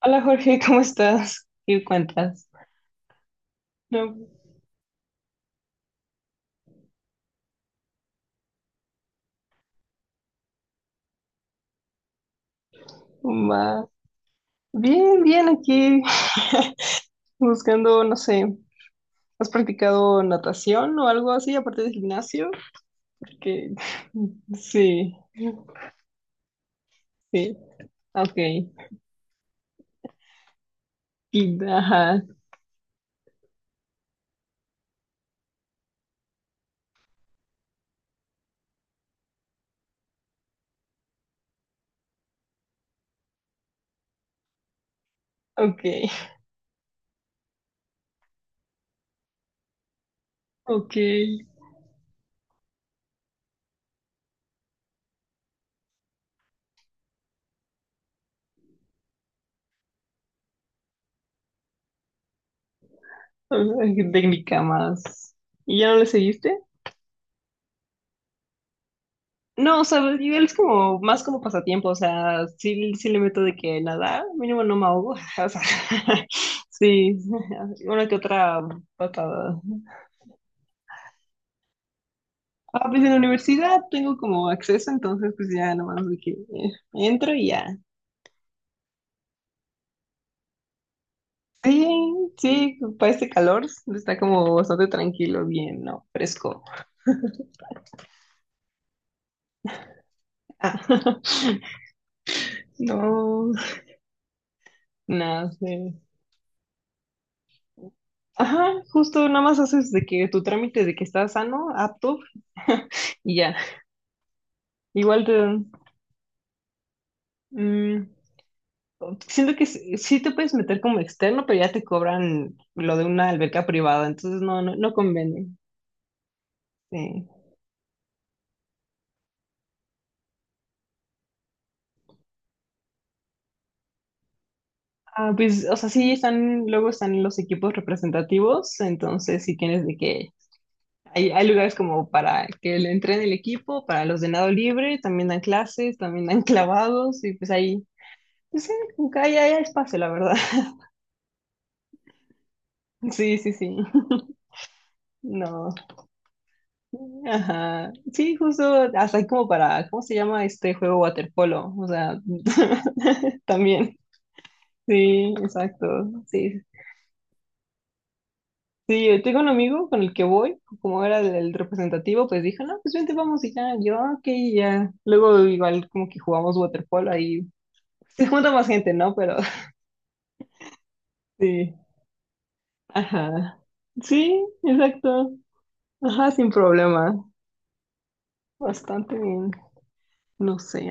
Hola, Jorge, ¿cómo estás? ¿Qué cuentas? No. ma- Bien, bien aquí. Buscando, no sé, ¿has practicado natación o algo así aparte del gimnasio? Porque sí, sí, ok. Y, ajá, ok, ok. Ah, técnica más. ¿Y ya no le seguiste? No, o sea, igual es como más como pasatiempo, o sea, sí, sí le meto de que nada, mínimo no me ahogo, o sea, sí, una que otra patada. Ah, pues en la universidad tengo como acceso, entonces pues ya nomás de que entro y ya. Sí, sí, para este calor está como bastante tranquilo, bien, ¿no? Fresco. Ah, no, nada, sí. Ajá, justo nada más haces de que tu trámite de que estás sano, apto, y ya. Igual te, mm, siento que sí te puedes meter como externo, pero ya te cobran lo de una alberca privada, entonces no, no, no conviene. Sí. Ah, pues, o sea, sí están, luego están los equipos representativos, entonces sí tienes de que hay lugares como para que le entren el equipo, para los de nado libre, también dan clases, también dan clavados, y pues ahí, pues sí, como que ahí hay espacio, la verdad. Sí, sí, sí. No. Ajá. Sí, justo hasta ahí como para, ¿cómo se llama este juego waterpolo? O sea, también. Sí, exacto. Sí. Sí, yo tengo un amigo con el que voy, como era el representativo, pues dije, no, pues vente, vamos y ya, yo, "Ah, ok, y ya. Luego igual como que jugamos waterpolo ahí. Se junta más gente, ¿no? Pero sí. Ajá. Sí, exacto. Ajá, sin problema. Bastante bien. No sé.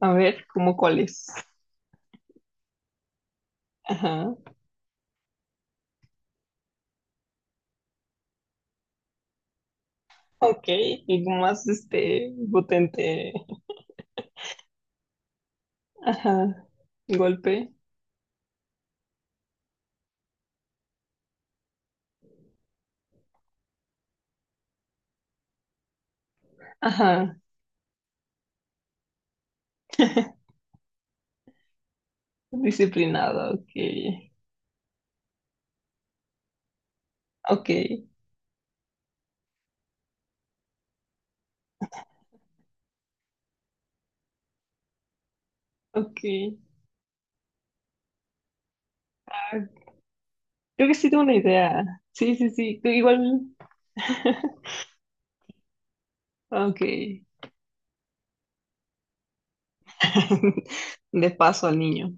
A ver, ¿cómo cuáles? Ajá. Ok, algo más potente. Ajá. Golpe. Ajá. Disciplinado, ok. Ok, ok. Ah, creo que sí tengo una idea. Sí, sí, sí. Creo que igual. Ok. De paso al niño.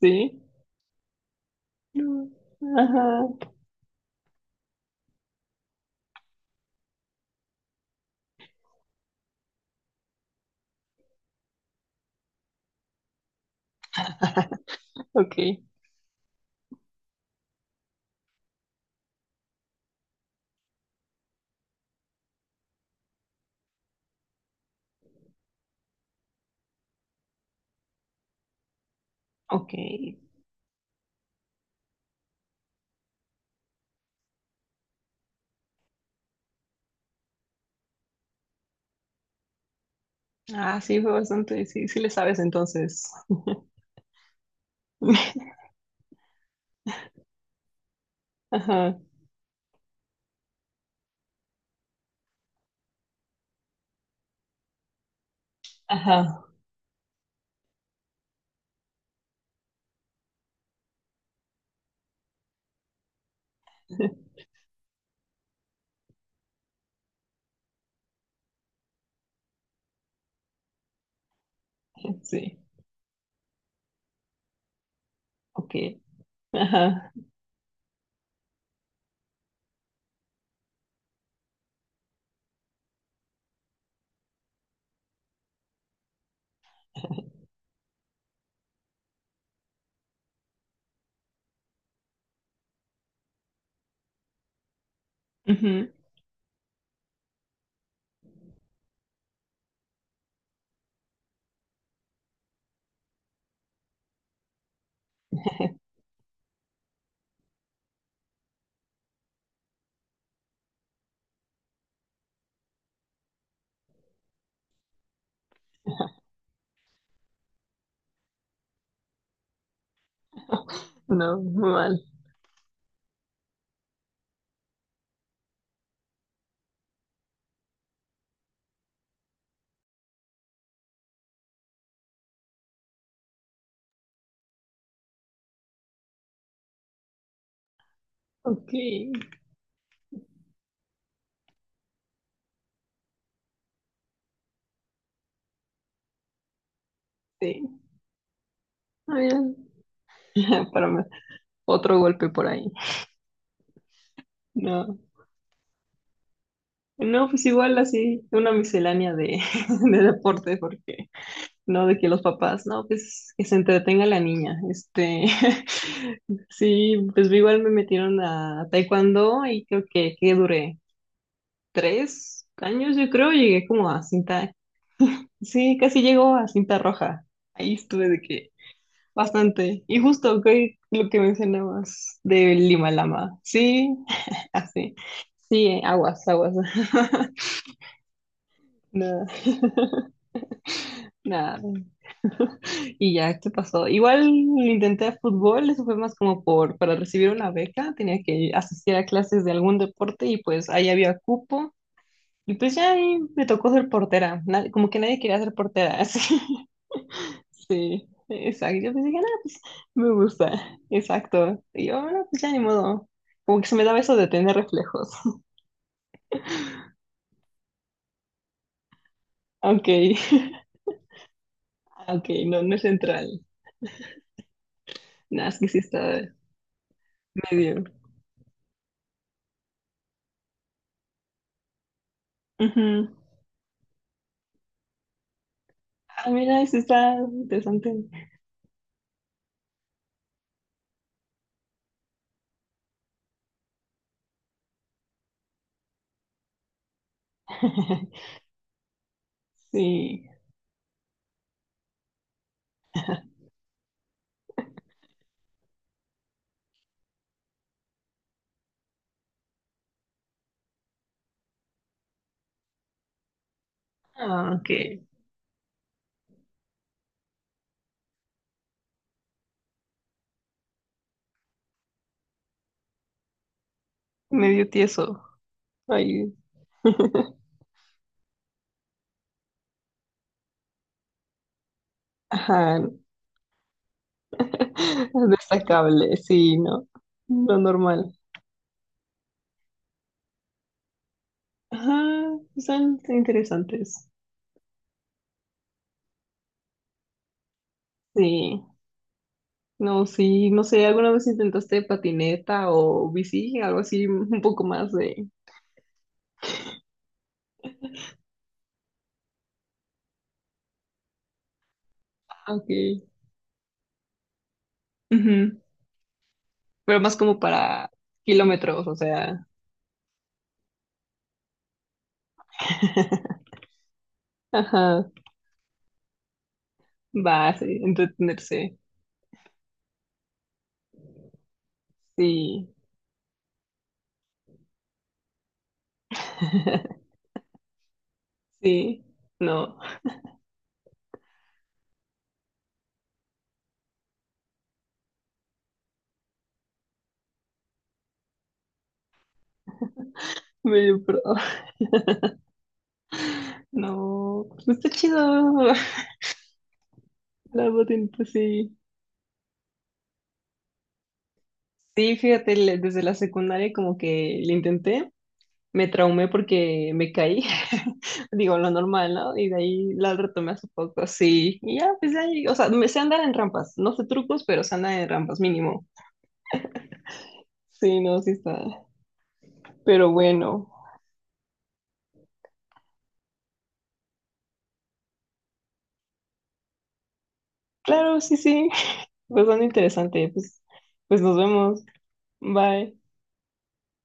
Sí. No. Ajá. Ok. Ok. Ah, sí, fue bastante. Sí, sí le sabes entonces. Ajá. Ajá. Sí. Ok. Ajá. Ujú. No, muy mal. Ok, sí. Está bien. Para otro golpe por ahí. No. No, pues igual así, una miscelánea de, de deporte, porque no de que los papás, no, pues que se entretenga la niña. Sí, pues igual me metieron a taekwondo y creo que duré 3 años, yo creo, llegué como a cinta, sí, casi llegó a cinta roja. Ahí estuve de que bastante. Y justo que lo que mencionabas de Lima Lama. Sí, así. Sí, aguas, aguas. Nada. Nada. Y ya, esto pasó. Igual intenté fútbol, eso fue más como para recibir una beca, tenía que asistir a clases de algún deporte y pues ahí había cupo. Y pues ya ahí me tocó ser portera, como que nadie quería ser portera, así. Sí, exacto. Yo pues dije, no, pues me gusta. Exacto. Y yo, bueno, pues ya ni modo. Como que se me daba eso de tener reflejos. Ok, ok, no, no es central. Nada, es que sí está medio. Ujú. Ah, mira, eso está interesante. Sí. Ah, ok. Medio tieso. Ahí. Ajá. Destacable, sí, no. Lo normal. Ajá, son interesantes. Sí. No, sí, no sé, ¿alguna vez intentaste patineta o bici? Algo así, un poco más de. Ah, ok. Ujú. Pero más como para kilómetros, o sea, ajá, va, sí, entretenerse, sí, sí, no, medio pro, no, pues está chido, la patineta, sí. Sí, fíjate, desde la secundaria como que le intenté, me traumé porque me caí, digo, lo normal, ¿no? Y de ahí la retomé hace poco, sí. Y ya, pues ahí, o sea, me sé andar en rampas, no sé trucos, pero sé andar en rampas mínimo. Sí, no, sí está. Pero bueno, claro, sí, sí, pues son interesante, pues, nos vemos. Bye.